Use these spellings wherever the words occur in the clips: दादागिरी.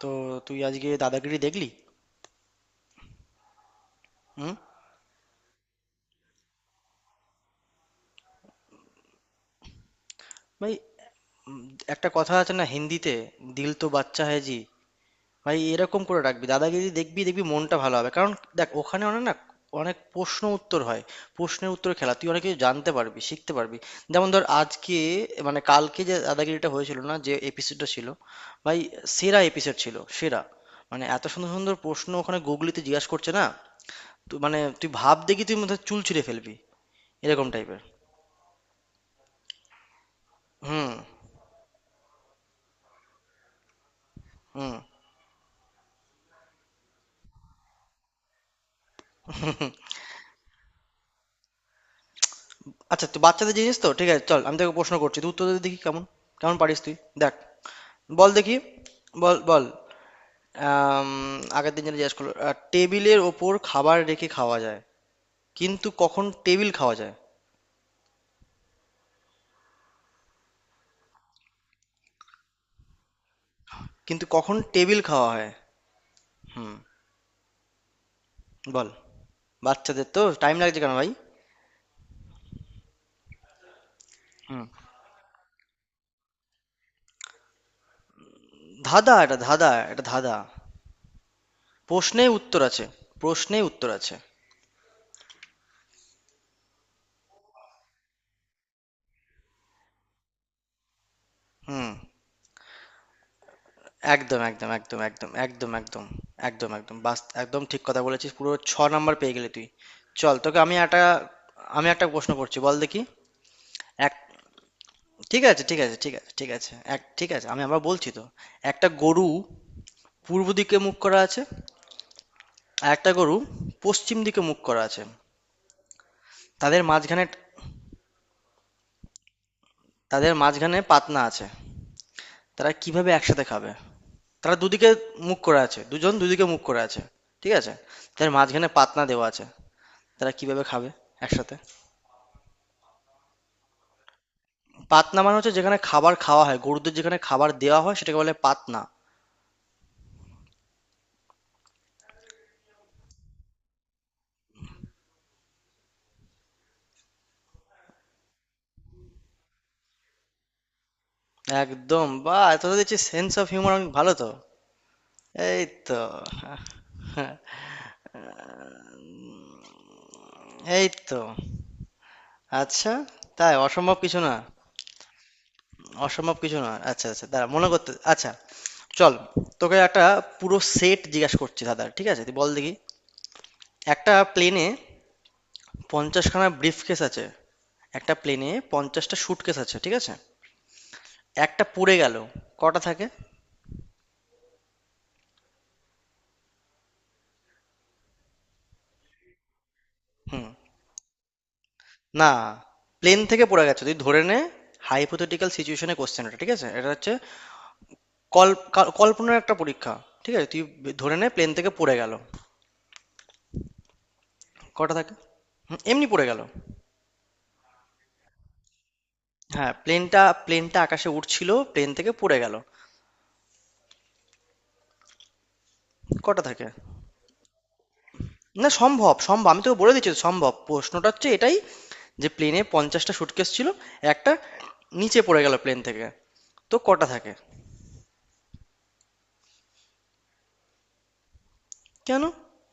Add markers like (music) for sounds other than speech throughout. তো তুই আজকে দাদাগিরি দেখলি? হুম। ভাই, উম, একটা কথা আছে না হিন্দিতে, দিল তো বাচ্চা হ্যায় জি। ভাই এরকম করে রাখবি, দাদাগিরি দেখবি দেখবি, মনটা ভালো হবে। কারণ দেখ, ওখানে অনেক না, অনেক প্রশ্ন উত্তর হয়, প্রশ্নের উত্তর খেলা। তুই অনেক কিছু জানতে পারবি, শিখতে পারবি। যেমন ধর আজকে, মানে কালকে যে দাদাগিরিটা হয়েছিল না, যে এপিসোডটা ছিল, ভাই সেরা এপিসোড ছিল, সেরা। মানে এত সুন্দর সুন্দর প্রশ্ন ওখানে গুগলিতে জিজ্ঞাসা করছে না, তুই ভাব দেখি, তুই মধ্যে চুল ছিঁড়ে ফেলবি এরকম টাইপের। হুম। হুম। আচ্ছা, তুই বাচ্চাদের জিনিস তো ঠিক আছে, চল আমি তোকে প্রশ্ন করছি, তুই উত্তর দে দেখি কেমন, কেমন পারিস তুই। দেখ, বল দেখি, বল বল। আম, আগের দিন যেটা জিজ্ঞেস করলো, টেবিলের ওপর খাবার রেখে খাওয়া যায়, কিন্তু কখন টেবিল খাওয়া যায়? কিন্তু কখন টেবিল খাওয়া হয়? হুম। বল। বাচ্চাদের তো, টাইম লাগছে কেন ভাই? হুম। ধাঁধা, এটা ধাঁধা, এটা ধাঁধা। প্রশ্নে উত্তর আছে। প্রশ্নে উত্তর আছে। হুম। একদম, একদম, একদম, একদম, একদম, একদম, একদম, একদম, বাস একদম ঠিক কথা বলেছিস, পুরো ছ নাম্বার পেয়ে গেলি তুই। চল তোকে আমি একটা, আমি একটা প্রশ্ন করছি, বল দেখি। এক, ঠিক আছে ঠিক আছে ঠিক আছে ঠিক আছে, এক, ঠিক আছে, আমি আবার বলছি তো। একটা গরু পূর্ব দিকে মুখ করা আছে, আর একটা গরু পশ্চিম দিকে মুখ করা আছে। তাদের মাঝখানে, তাদের মাঝখানে পাতনা আছে। তারা কিভাবে একসাথে খাবে? তারা দুদিকে মুখ করা আছে, দুজন দুদিকে মুখ করা আছে, ঠিক আছে? তাদের মাঝখানে পাতনা দেওয়া আছে। তারা কিভাবে খাবে একসাথে? পাতনা মানে হচ্ছে যেখানে খাবার খাওয়া হয়, গরুদের যেখানে খাবার দেওয়া হয় সেটাকে বলে পাতনা। একদম, বা এত দেখছি সেন্স অফ হিউমার অনেক ভালো তো। এই তো। (laughs) এই তো। আচ্ছা, তাই অসম্ভব কিছু না, অসম্ভব কিছু না। আচ্ছা আচ্ছা, দাঁড়া মনে করতে, আচ্ছা চল, তোকে একটা পুরো সেট জিজ্ঞাসা করছি দাদা, ঠিক আছে? তুই বল দেখি। একটা প্লেনে পঞ্চাশখানা ব্রিফ কেস আছে, একটা প্লেনে পঞ্চাশটা স্যুটকেস আছে, ঠিক আছে? একটা পুড়ে গেল, কটা থাকে? হুম। না, প্লেন থেকে পড়ে গেছে, তুই ধরে নে। hypothetical situation এ question এটা, ঠিক আছে? এটা হচ্ছে কল কাল কল্পনার একটা পরীক্ষা, ঠিক আছে? তুই ধরে নে প্লেন থেকে পড়ে গেল। কটা থাকে? হুম, এমনি পড়ে গেল। হ্যাঁ, প্লেনটা প্লেনটা আকাশে উড়ছিল, প্লেন থেকে পড়ে গেল। কটা থাকে? না, সম্ভব, সম্ভব। আমি তোকে বলে দিচ্ছি তো, সম্ভব। প্রশ্নটা হচ্ছে এটাই, যে প্লেনে পঞ্চাশটা সুটকেস ছিল, একটা নিচে পড়ে গেল প্লেন থেকে। তো কটা থাকে? কেন?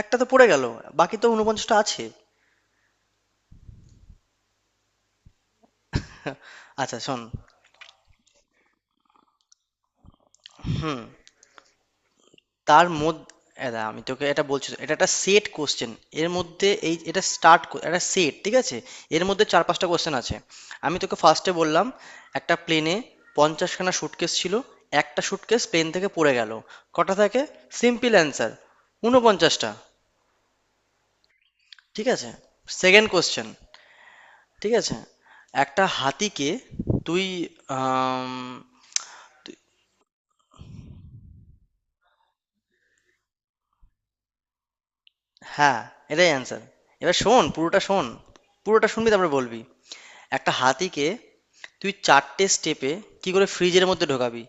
একটা তো পড়ে গেল, বাকি তো ঊনপঞ্চাশটা আছে। (laughs) আচ্ছা শোন। হুম। তার মধ্যে, দাঁড়া আমি তোকে এটা বলছি তো, এটা একটা সেট কোশ্চেন। এর মধ্যে এই, এটা স্টার্ট, একটা সেট ঠিক আছে, এর মধ্যে চার পাঁচটা কোশ্চেন আছে। আমি তোকে ফার্স্টে বললাম, একটা প্লেনে পঞ্চাশখানা সুটকেস ছিল, একটা সুটকেস প্লেন থেকে পড়ে গেল, কটা থাকে? Simple answer, ঊনপঞ্চাশটা। ঠিক আছে। সেকেন্ড কোশ্চেন, ঠিক আছে, একটা হাতিকে তুই, আম, হ্যাঁ, এটাই অ্যানসার। এবার শোন, পুরোটা শোন। পুরোটা শুনবি তারপরে বলবি। একটা হাতিকে তুই ৪ টে স্টেপে কি করে ফ্রিজের মধ্যে ঢোকাবি?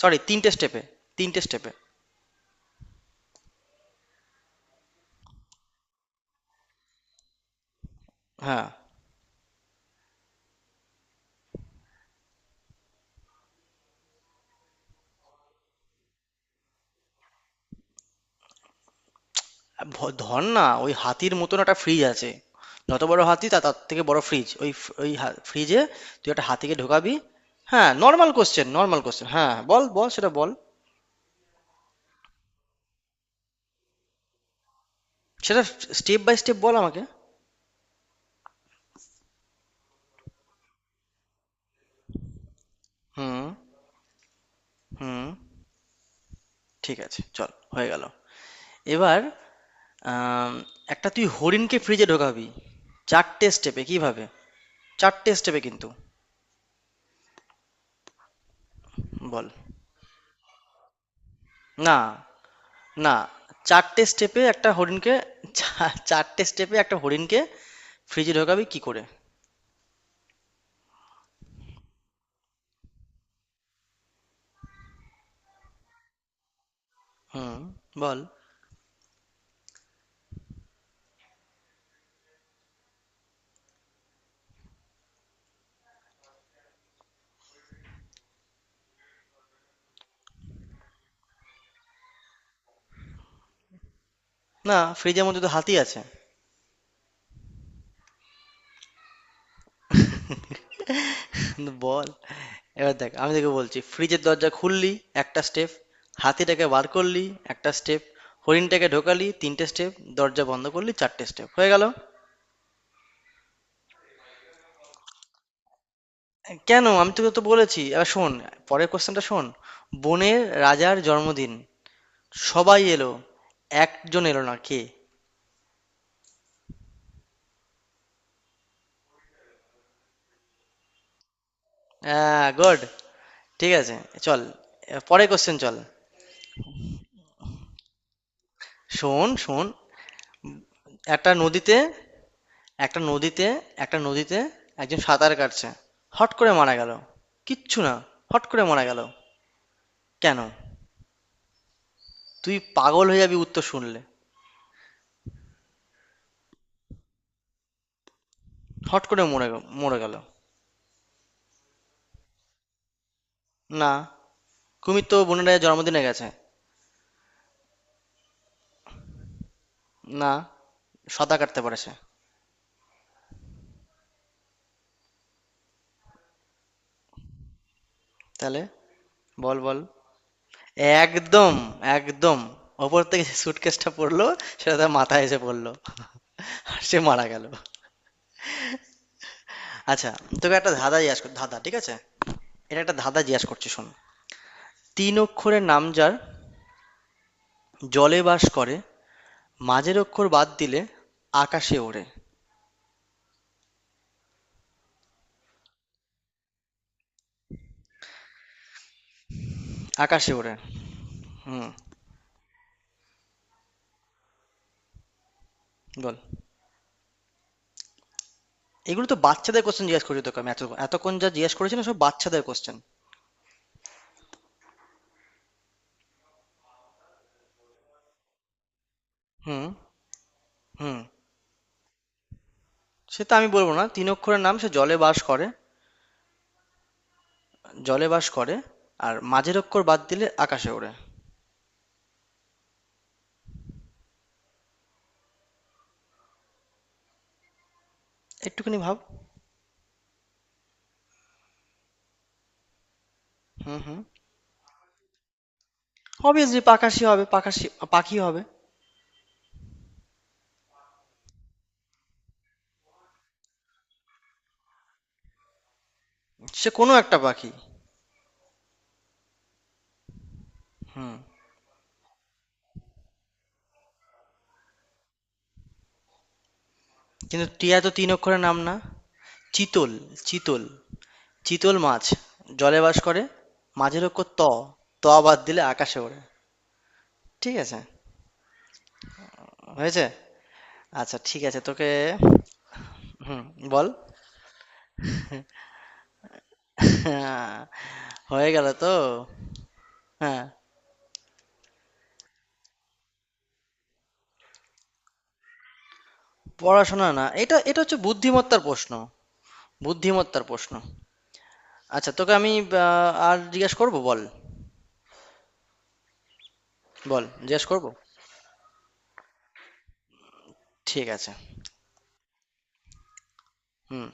সরি ৩ টে স্টেপে, ৩ টে স্টেপে। হ্যাঁ, ভ ধর না ওই হাতির মতন একটা ফ্রিজ আছে। যত বড় হাতি, তা তার থেকে বড় ফ্রিজ। ওই ফ্রিজে তুই একটা হাতিকে ঢোকাবি। হ্যাঁ, নরমাল কোয়েশ্চেন, নরমাল কোয়েশ্চেন। হ্যাঁ, বল, বল সেটা বল। সেটা স্টেপ বাই স্টেপ বল আমাকে। হুম। হুম। ঠিক আছে, চল, হয়ে গেল। এবার আম, একটা তুই হরিণকে ফ্রিজে ঢোকাবি চারটে স্টেপে কিভাবে, চারটে স্টেপে কিন্তু বল। না, না, চারটে স্টেপে একটা হরিণকে, চারটে স্টেপে একটা হরিণকে ফ্রিজে ঢোকাবি কি করে? হুম। বল। না, ফ্রিজের মধ্যে তো হাতি আছে। বল। এবার দেখ, আমি তোকে বলছি, ফ্রিজের দরজা খুললি একটা স্টেপ, হাতিটাকে বার করলি একটা স্টেপ, হরিণটাকে ঢোকালি তিনটে স্টেপ, দরজা বন্ধ করলি চারটে স্টেপ, হয়ে গেল। কেন, আমি তোকে তো বলেছি। এবার শোন, পরের কোশ্চেনটা শোন। বনের রাজার জন্মদিন, সবাই এলো, একজন এলো না, কে? হ্যাঁ, গুড। ঠিক আছে, চল, এবার পরের কোশ্চেন, চল। শোন শোন, একটা নদীতে, একটা নদীতে, একটা নদীতে একজন সাঁতার কাটছে, হট করে মারা গেল, কিচ্ছু না, হট করে মারা গেল, কেন? তুই পাগল হয়ে যাবি উত্তর শুনলে। হট করে মরে গ- মরে গেল। না, কুমির তো বোনের রাজার জন্মদিনে গেছে। না, সাঁতার কাটতে পারে সে। তাহলে, বল বল, একদম, একদম। ওপর থেকে সুটকেসটা পড়লো, সেটা তার মাথায় এসে পড়লো, আর সে মারা গেল। আচ্ছা, তোকে একটা ধাঁধা জিজ্ঞাসা কর, ধাঁধা, ঠিক আছে? এটা একটা ধাঁধা জিজ্ঞাসা করছি, শোন। তিন অক্ষরের নাম যার, জলে বাস করে, মাঝের অক্ষর বাদ দিলে আকাশে ওড়ে। আকাশে ওড়ে। হুম। বল। এগুলো তো বাচ্চাদের কোশ্চেন জিজ্ঞাসা করছি তোকে আমি, এত এতক্ষণ যা জিজ্ঞাসা করেছি না, সব বাচ্চাদের কোশ্চেন। হুম। হুম। সে তো আমি বলবো না, তিন অক্ষরের নাম, সে জলে বাস করে, জলে বাস করে, আর মাঝের অক্ষর বাদ দিলে আকাশে ওড়ে। একটুখানি ভাব। হুম হুম। অবভিয়াসলি পাখাশি হবে, পাখাশি, পাখি হবে, সে কোনো একটা পাখি। হুম। কিন্তু টিয়া তো তিন অক্ষরের নাম না। চিতল, চিতল, চিতল মাছ, জলে বাস করে, মাঝের অক্ষর ত, ত বাদ দিলে আকাশে ওড়ে। ঠিক আছে, হয়েছে। আচ্ছা ঠিক আছে, তোকে, হুম, বল। (laughs) হয়ে গেল তো। হ্যাঁ। পড়াশোনা না, এটা এটা হচ্ছে বুদ্ধিমত্তার প্রশ্ন, বুদ্ধিমত্তার প্রশ্ন। আচ্ছা, তোকে আমি, আর জিজ্ঞেস করব, বল, বল জিজ্ঞেস করব। ঠিক আছে। হুম।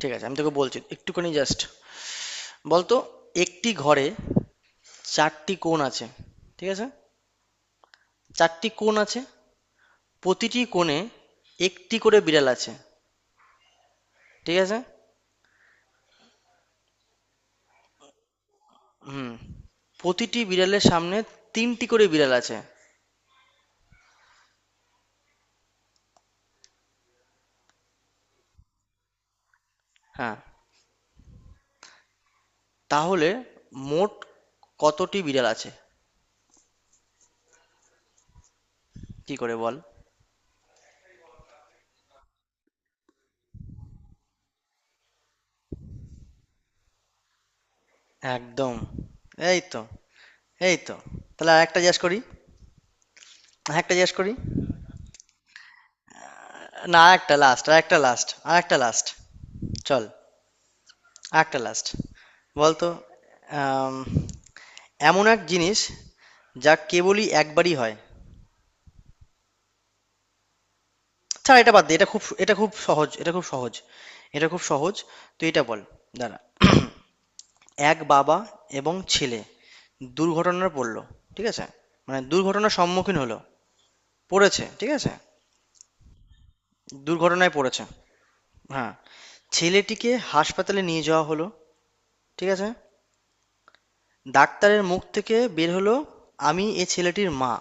ঠিক আছে আমি তোকে বলছি, একটুখানি জাস্ট, বলতো, একটি ঘরে চারটি কোণ আছে, ঠিক আছে? চারটি কোণ আছে, প্রতিটি কোণে একটি করে বিড়াল আছে, ঠিক আছে? হুম। প্রতিটি বিড়ালের সামনে তিনটি করে বিড়াল আছে। হ্যাঁ, তাহলে মোট কতটি বিড়াল আছে? কি করে বল। একদম, এই তো, এই তো। তাহলে আরেকটা জিজ্ঞেস করি, আরেকটা জিজ্ঞেস করি, না আরেকটা লাস্ট, আরেকটা লাস্ট, আরেকটা লাস্ট, চল, আরেকটা লাস্ট। বলতো, আম, এমন এক জিনিস যা কেবলই একবারই হয়। ছাড় এটা, বাদ দে, এটা খুব, এটা খুব সহজ, এটা খুব সহজ, এটা খুব সহজ। তুই এটা বল। দাঁড়া। (clears throat) এক বাবা এবং ছেলে দুর্ঘটনায় পড়লো, ঠিক আছে? মানে দুর্ঘটনার সম্মুখীন হলো, পড়েছে ঠিক আছে, দুর্ঘটনায় পড়েছে। হ্যাঁ, ছেলেটিকে হাসপাতালে নিয়ে যাওয়া হলো, ঠিক আছে? ডাক্তারের মুখ থেকে বের হলো, আমি এ ছেলেটির মা।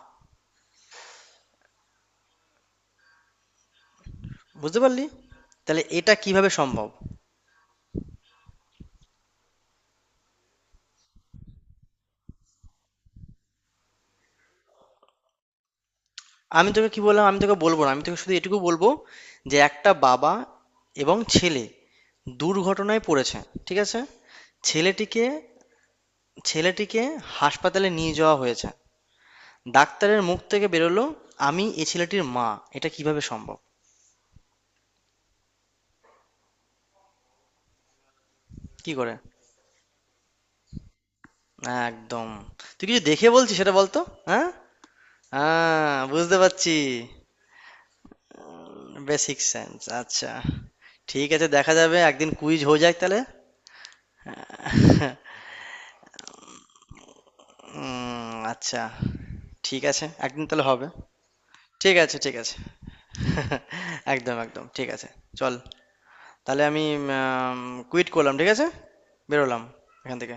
বুঝতে পারলি? তাহলে এটা কিভাবে সম্ভব? আমি তোকে কি বললাম, আমি তোকে বলবো না, আমি তোকে শুধু এটুকু বলবো, যে একটা বাবা এবং ছেলে দুর্ঘটনায় পড়েছে, ঠিক আছে? ছেলেটিকে, ছেলেটিকে হাসপাতালে নিয়ে যাওয়া হয়েছে, ডাক্তারের মুখ থেকে বেরোলো আমি এ ছেলেটির মা। এটা কিভাবে সম্ভব? কি করে? একদম। তুই কিছু দেখে বলছিস সেটা বলতো। হ্যাঁ, হ্যাঁ বুঝতে পারছি। বেসিক সেন্স, আচ্ছা। ঠিক আছে, দেখা যাবে একদিন কুইজ হয়ে যাক তাহলে। আচ্ছা, ঠিক আছে, একদিন তাহলে হবে। ঠিক আছে, ঠিক আছে, একদম একদম ঠিক আছে। চল, তাহলে আমি কুইট করলাম, ঠিক আছে, বেরোলাম এখান থেকে।